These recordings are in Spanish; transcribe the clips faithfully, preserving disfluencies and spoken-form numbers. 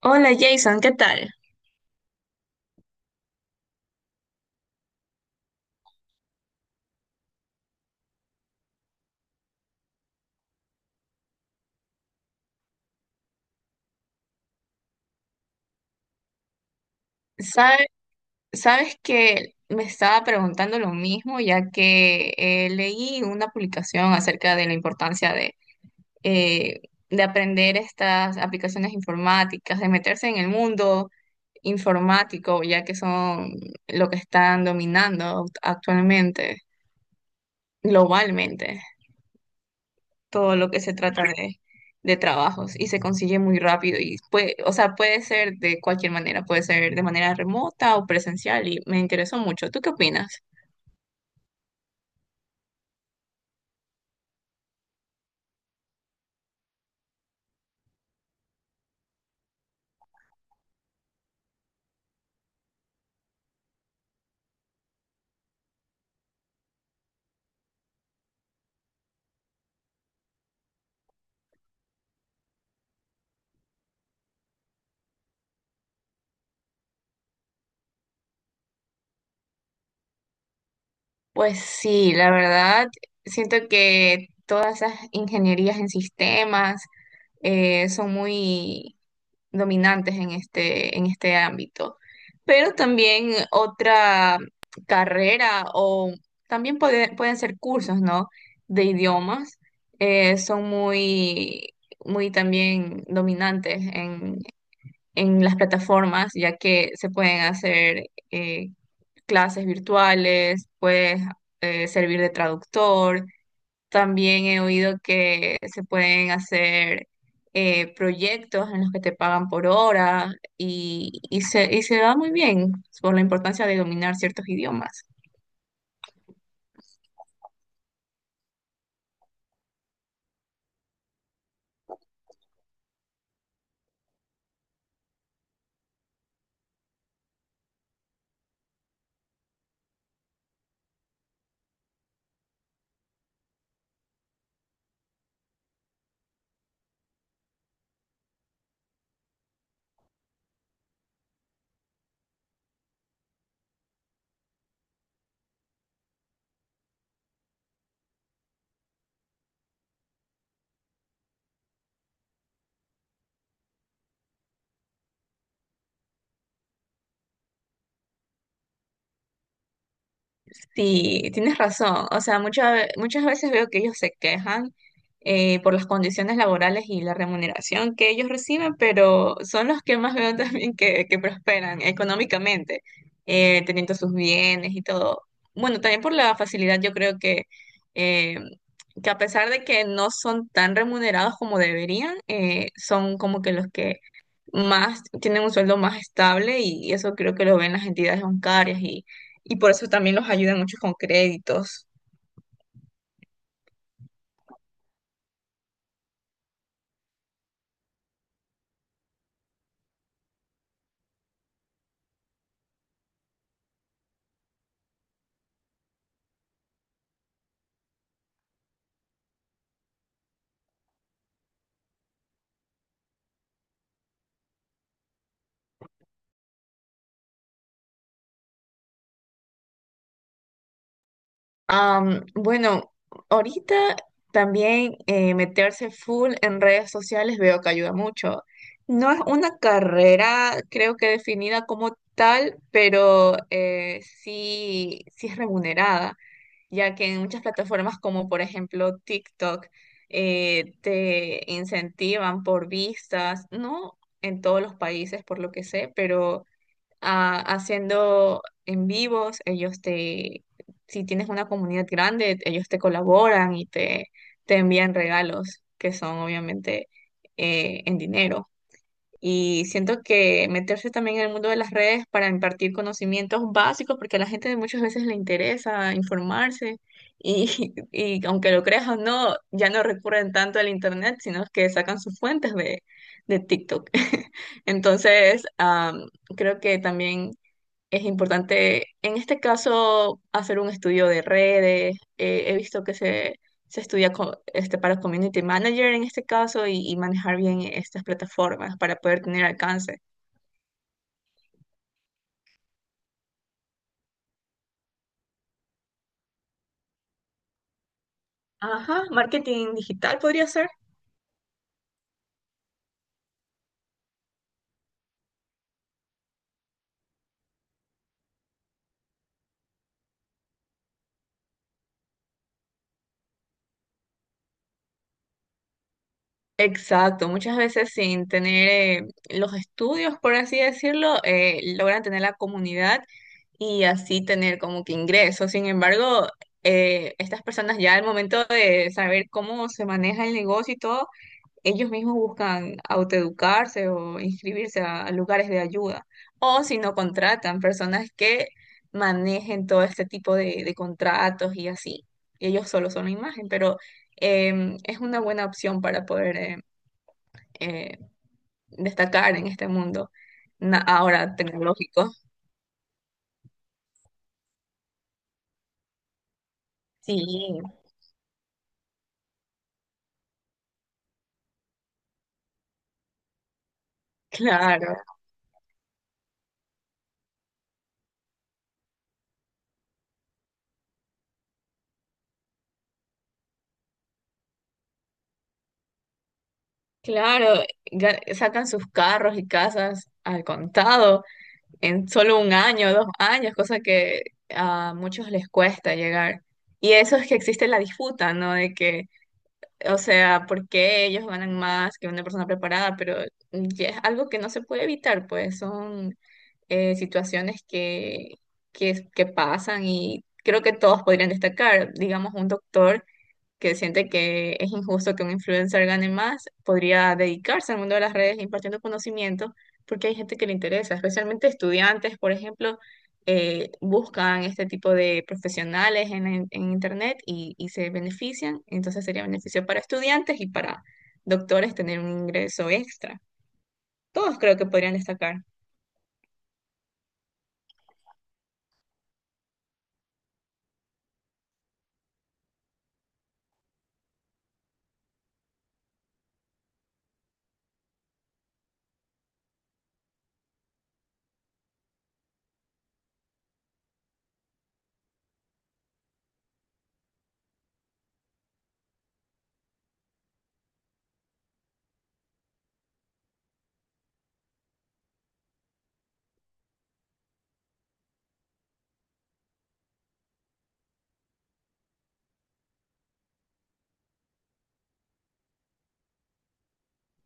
Hola Jason, ¿qué tal? Sabe- sabes que me estaba preguntando lo mismo, ya que eh, leí una publicación acerca de la importancia de, eh, de aprender estas aplicaciones informáticas, de meterse en el mundo informático, ya que son lo que están dominando actualmente, globalmente. Todo lo que se trata de, de trabajos y se consigue muy rápido y puede, o sea, puede ser de cualquier manera, puede ser de manera remota o presencial y me interesó mucho. ¿Tú qué opinas? Pues sí, la verdad, siento que todas esas ingenierías en sistemas eh, son muy dominantes en este, en este ámbito. Pero también otra carrera o también puede- pueden ser cursos, ¿no? De idiomas. Eh, son muy, muy también dominantes en, en las plataformas, ya que se pueden hacer eh, clases virtuales, puedes eh, servir de traductor. También he oído que se pueden hacer eh, proyectos en los que te pagan por hora y, y se, y se da muy bien por la importancia de dominar ciertos idiomas. Sí, tienes razón. O sea, muchas muchas veces veo que ellos se quejan eh, por las condiciones laborales y la remuneración que ellos reciben, pero son los que más veo también que, que prosperan económicamente, eh, teniendo sus bienes y todo. Bueno, también por la facilidad, yo creo que, eh, que a pesar de que no son tan remunerados como deberían, eh, son como que los que más, tienen un sueldo más estable y, eso creo que lo ven las entidades bancarias y, y por eso también los ayudan mucho con créditos. Am, bueno, ahorita también eh, meterse full en redes sociales veo que ayuda mucho. No es una carrera, creo que definida como tal, pero eh, sí, sí es remunerada. Ya que en muchas plataformas como por ejemplo TikTok eh, te incentivan por vistas, no en todos los países por lo que sé, pero ah, haciendo en vivos, ellos te, si tienes una comunidad grande, ellos te colaboran y te, te envían regalos que son obviamente eh, en dinero. Y siento que meterse también en el mundo de las redes para impartir conocimientos básicos, porque a la gente muchas veces le interesa informarse y, y aunque lo creas o no, ya no recurren tanto al internet, sino que sacan sus fuentes de, de TikTok. Entonces, am, creo que también es importante, en este caso, hacer un estudio de redes. Eh, he visto que se, se estudia co- este, para community manager en este caso y, y manejar bien estas plataformas para poder tener alcance. Ajá, marketing digital podría ser. Exacto, muchas veces sin tener eh, los estudios, por así decirlo, eh, logran tener la comunidad y así tener como que ingresos. Sin embargo, eh, estas personas ya al momento de saber cómo se maneja el negocio y todo, ellos mismos buscan autoeducarse o inscribirse a, a lugares de ayuda, o si no contratan personas que manejen todo este tipo de, de contratos y así. Y ellos solo son la imagen, pero em, es una buena opción para poder em, eh, destacar en este mundo na- ahora tecnológico. Sí, claro, claro, ga- sacan sus carros y casas al contado. En solo un año, dos años, cosa que a muchos les cuesta llegar. Y eso es que existe la disputa, ¿no? De que, o sea, ¿por qué ellos ganan más que una persona preparada? Pero ya es algo que no se puede evitar, pues son eh, situaciones que, que, que pasan y creo que todos podrían destacar. Digamos, un doctor que siente que es injusto que un influencer gane más, podría dedicarse al mundo de las redes impartiendo conocimiento, porque hay gente que le interesa, especialmente estudiantes, por ejemplo, eh, buscan este tipo de profesionales en, en- en Internet y, y se benefician, entonces sería beneficio para estudiantes y para doctores tener un ingreso extra. Todos creo que podrían destacar.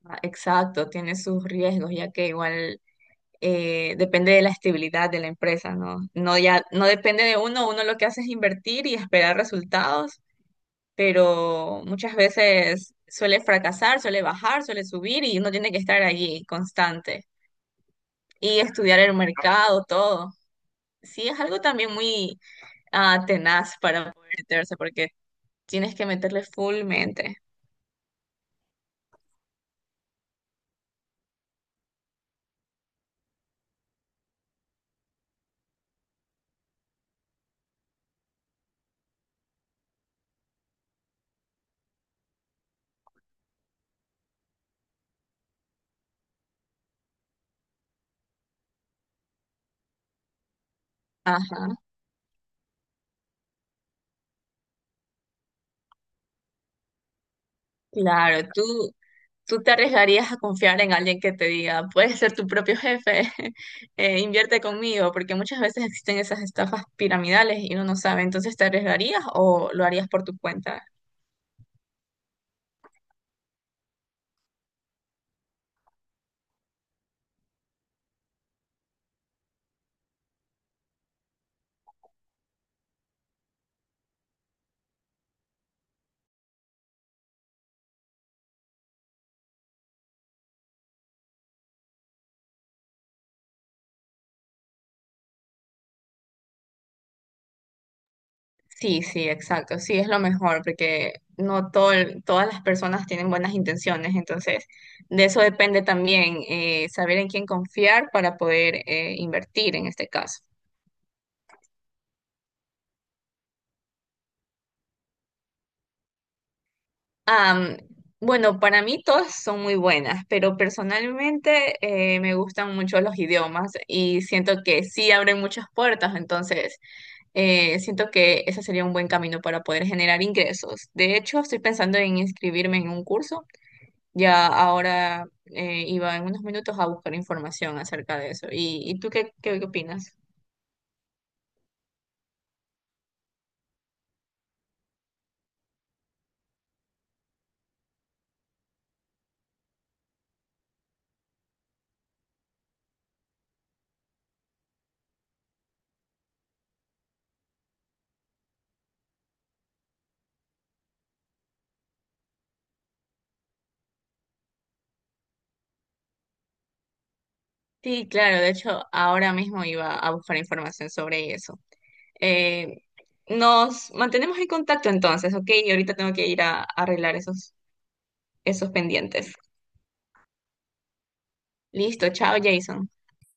Ah, Exacto, tiene sus riesgos, ya que igual eh, depende de la estabilidad de la empresa, ¿no? No ya, no depende de uno, uno lo que hace es invertir y esperar resultados, pero muchas veces suele fracasar, suele bajar, suele subir y uno tiene que estar allí constante y estudiar el mercado, todo. Sí, es algo también muy ah, tenaz para poder meterse porque tienes que meterle full mente. Ajá, claro, tú, ¿tú te arriesgarías a confiar en alguien que te diga, puedes ser tu propio jefe, eh, invierte conmigo? Porque muchas veces existen esas estafas piramidales y uno no sabe. Entonces, ¿te arriesgarías o lo harías por tu cuenta? Sí, sí, exacto. Sí, es lo mejor porque no todo, el- todas las personas tienen buenas intenciones. Entonces, de eso depende también eh, saber en quién confiar para poder eh, invertir en este caso. Am, bueno, para mí todas son muy buenas, pero personalmente eh, me gustan mucho los idiomas y siento que sí abren muchas puertas, entonces eh, siento que ese sería un buen camino para poder generar ingresos. De hecho, estoy pensando en inscribirme en un curso, ya ahora eh, iba en unos minutos a buscar información acerca de eso. ¿Y, y tú qué, qué opinas? Sí, claro, de hecho, ahora mismo iba a buscar información sobre eso. Eh, Nos mantenemos en contacto entonces, ¿ok? Y ahorita tengo que ir a, a arreglar esos, esos pendientes. Listo, chao, Jason.